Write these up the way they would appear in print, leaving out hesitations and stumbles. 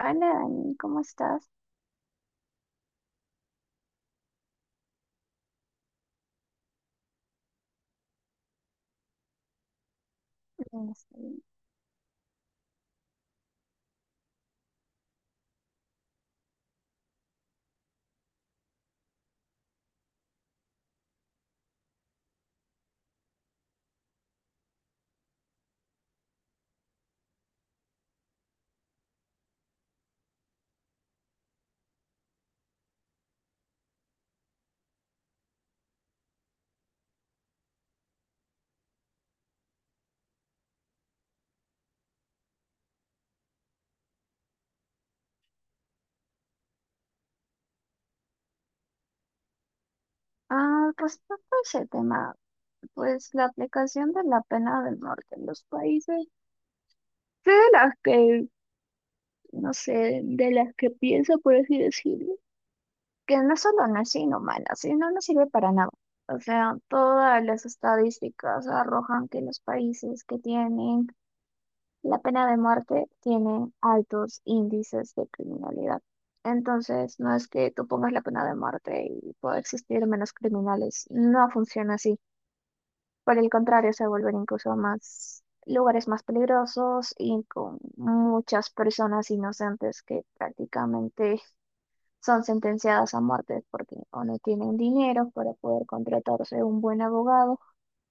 Hola Dani, ¿cómo estás? Bien, estoy bien. Ah, respecto a ese tema, pues la aplicación de la pena del norte en los países, sé de las que, no sé, de las que pienso, por así decirlo, que no solo no es inhumana, sino no sirve para nada. O sea, todas las estadísticas arrojan que los países que tienen la pena de muerte tiene altos índices de criminalidad. Entonces, no es que tú pongas la pena de muerte y pueda existir menos criminales. No funciona así. Por el contrario, se vuelven incluso más lugares más peligrosos y con muchas personas inocentes que prácticamente son sentenciadas a muerte porque o no tienen dinero para poder contratarse un buen abogado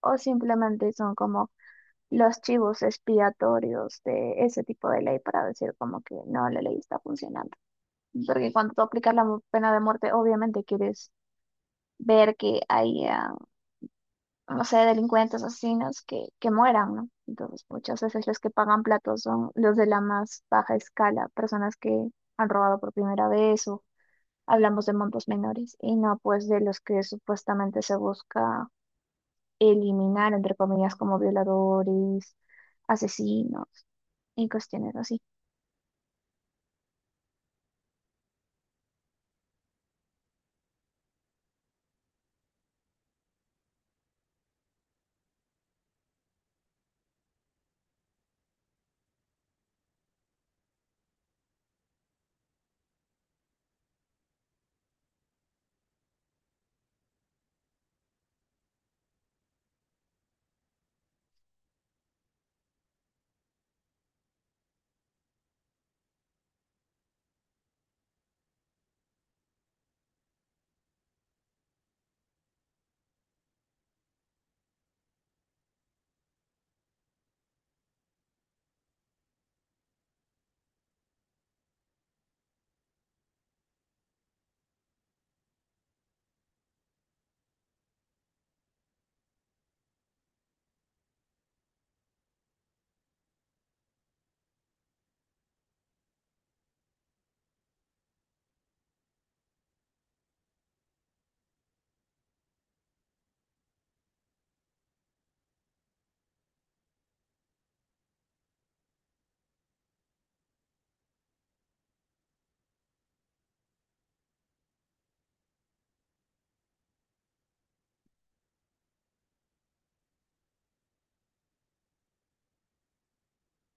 o simplemente son como los chivos expiatorios de ese tipo de ley para decir como que no, la ley está funcionando. Porque cuando tú aplicas la pena de muerte, obviamente quieres ver que haya, no sé, delincuentes, asesinos que mueran, ¿no? Entonces, muchas veces los que pagan platos son los de la más baja escala, personas que han robado por primera vez o hablamos de montos menores y no pues de los que supuestamente se busca eliminar, entre comillas, como violadores, asesinos y cuestiones así.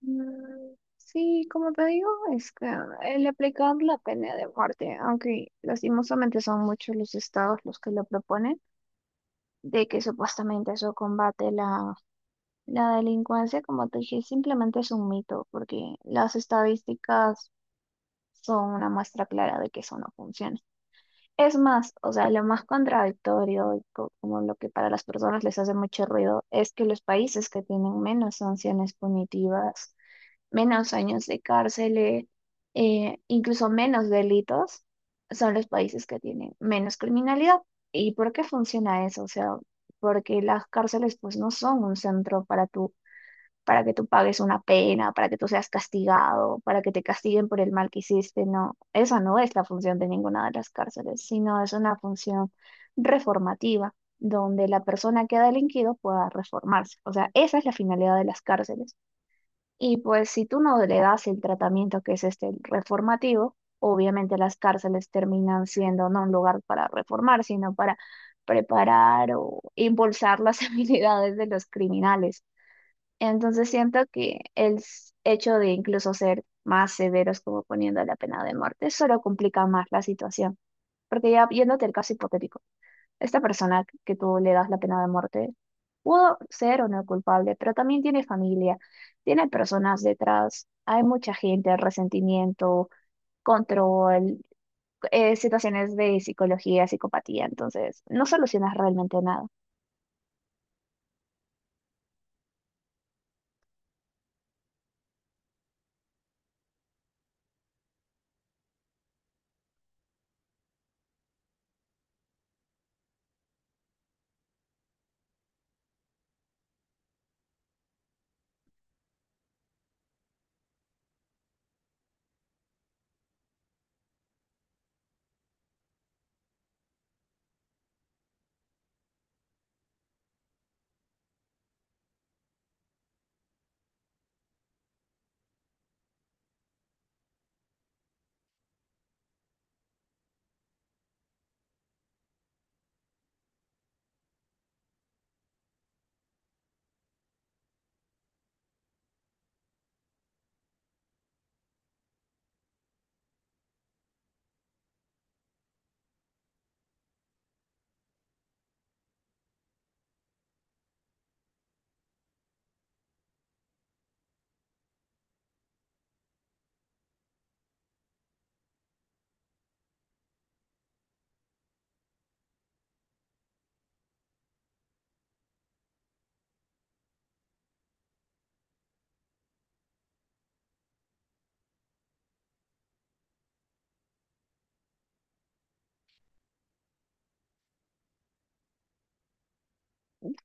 Mm, Sí, como te digo, es que el aplicar la pena de muerte, aunque lastimosamente son muchos los estados los que lo proponen, de que supuestamente eso combate la delincuencia, como te dije, simplemente es un mito, porque las estadísticas son una muestra clara de que eso no funciona. Es más, o sea, lo más contradictorio, y como lo que para las personas les hace mucho ruido, es que los países que tienen menos sanciones punitivas, menos años de cárcel, incluso menos delitos, son los países que tienen menos criminalidad. ¿Y por qué funciona eso? O sea, porque las cárceles pues no son un centro para tú, para que tú pagues una pena, para que tú seas castigado, para que te castiguen por el mal que hiciste, no. Esa no es la función de ninguna de las cárceles, sino es una función reformativa, donde la persona que ha delinquido pueda reformarse. O sea, esa es la finalidad de las cárceles. Y pues si tú no le das el tratamiento que es este el reformativo, obviamente las cárceles terminan siendo no un lugar para reformar, sino para preparar o impulsar las habilidades de los criminales. Entonces siento que el hecho de incluso ser más severos como poniendo la pena de muerte solo complica más la situación, porque ya yéndote al caso hipotético. Esta persona que tú le das la pena de muerte pudo ser o no culpable, pero también tiene familia, tiene personas detrás, hay mucha gente, resentimiento, control, situaciones de psicología, psicopatía, entonces no solucionas realmente nada.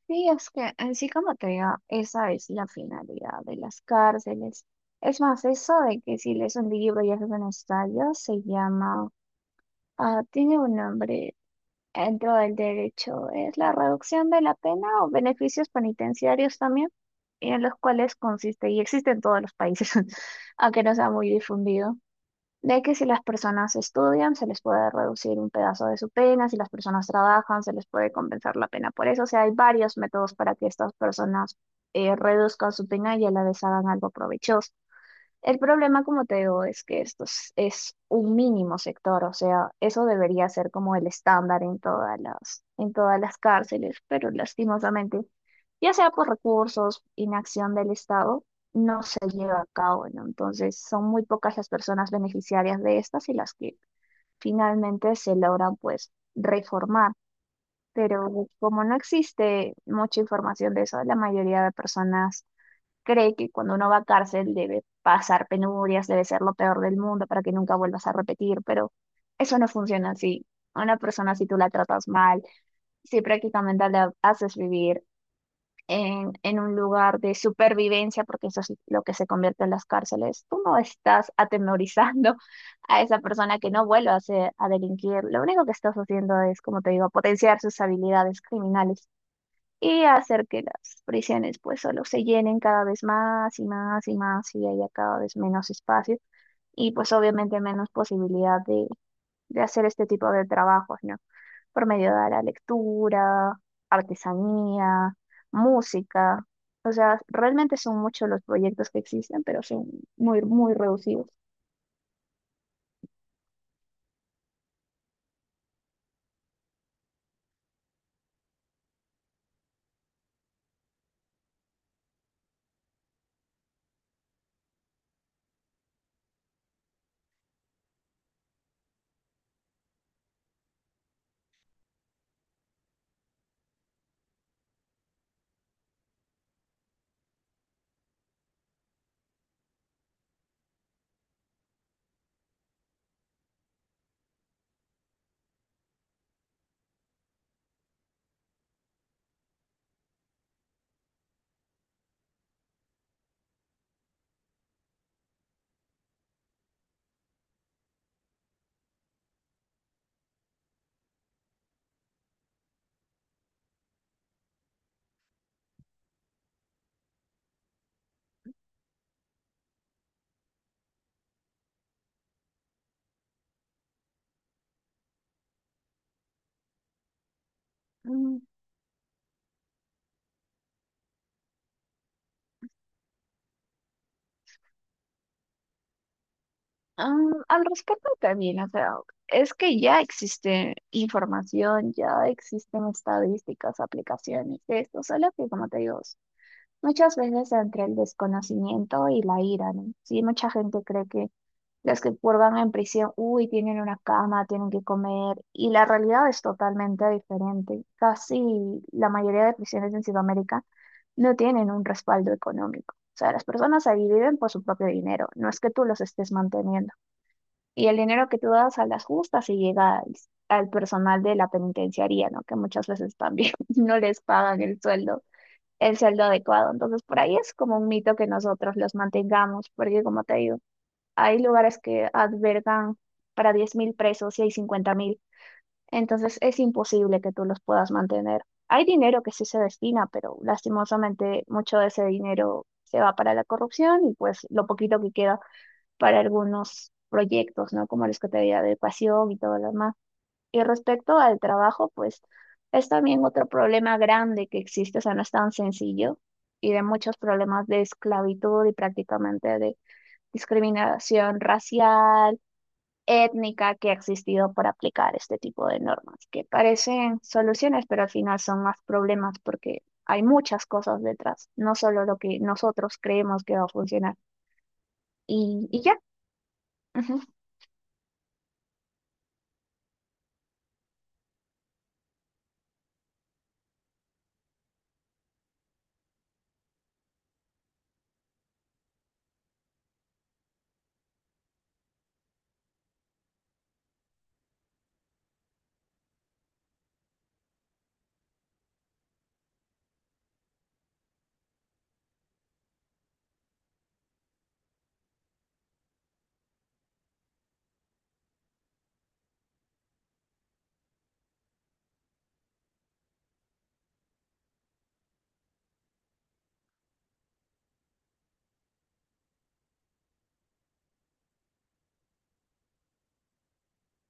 Sí, es que así como te digo, esa es la finalidad de las cárceles. Es más, eso de que si lees un libro y haces un ensayo, se llama, ah, tiene un nombre. Dentro del derecho es la reducción de la pena o beneficios penitenciarios también, y en los cuales consiste y existe en todos los países, aunque no sea muy difundido, de que si las personas estudian se les puede reducir un pedazo de su pena, si las personas trabajan se les puede compensar la pena por eso. O sea, hay varios métodos para que estas personas reduzcan su pena y a la vez hagan algo provechoso. El problema, como te digo, es que es un mínimo sector. O sea, eso debería ser como el estándar en todas en todas las cárceles, pero lastimosamente, ya sea por recursos, inacción del Estado, no se lleva a cabo, ¿no? Entonces, son muy pocas las personas beneficiarias de estas y las que finalmente se logran, pues, reformar. Pero como no existe mucha información de eso, la mayoría de personas cree que cuando uno va a cárcel debe pasar penurias, debe ser lo peor del mundo para que nunca vuelvas a repetir, pero eso no funciona así. A una persona, si tú la tratas mal, si prácticamente la haces vivir en un lugar de supervivencia, porque eso es lo que se convierte en las cárceles, tú no estás atemorizando a esa persona que no vuelva a, a delinquir. Lo único que estás haciendo es, como te digo, potenciar sus habilidades criminales y hacer que las prisiones pues solo se llenen cada vez más y más y más y haya cada vez menos espacio y pues obviamente menos posibilidad de hacer este tipo de trabajos, ¿no? Por medio de la lectura, artesanía, música. O sea, realmente son muchos los proyectos que existen, pero son muy, muy reducidos. Al respecto también, o sea, es que ya existe información, ya existen estadísticas, aplicaciones de esto, solo que como te digo, muchas veces entre el desconocimiento y la ira, ¿no? Sí, mucha gente cree que los que purgan en prisión, uy, tienen una cama, tienen que comer, y la realidad es totalmente diferente. Casi la mayoría de prisiones en Sudamérica no tienen un respaldo económico. O sea, las personas ahí viven por su propio dinero, no es que tú los estés manteniendo. Y el dinero que tú das a las justas se llega al personal de la penitenciaría, ¿no? Que muchas veces también no les pagan el sueldo adecuado. Entonces, por ahí es como un mito que nosotros los mantengamos, porque como te digo, hay lugares que albergan para 10,000 presos y hay 50,000. Entonces, es imposible que tú los puedas mantener. Hay dinero que sí se destina, pero lastimosamente mucho de ese dinero se va para la corrupción y pues lo poquito que queda para algunos proyectos, ¿no? Como los que te había de educación y todo lo demás. Y respecto al trabajo, pues es también otro problema grande que existe. O sea, no es tan sencillo y de muchos problemas de esclavitud y prácticamente de discriminación racial, étnica que ha existido por aplicar este tipo de normas, que parecen soluciones, pero al final son más problemas porque hay muchas cosas detrás, no solo lo que nosotros creemos que va a funcionar. Y ya. Ujú,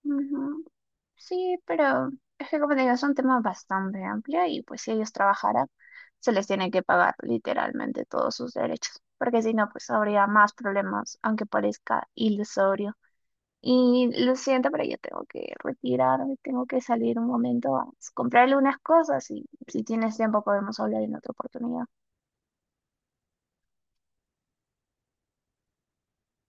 ujú. Sí, pero es que como te digo, es un tema bastante amplio y pues si ellos trabajaran, se les tiene que pagar literalmente todos sus derechos, porque si no, pues habría más problemas, aunque parezca ilusorio. Y lo siento, pero yo tengo que retirarme, tengo que salir un momento a comprarle unas cosas y si tienes tiempo podemos hablar en otra oportunidad.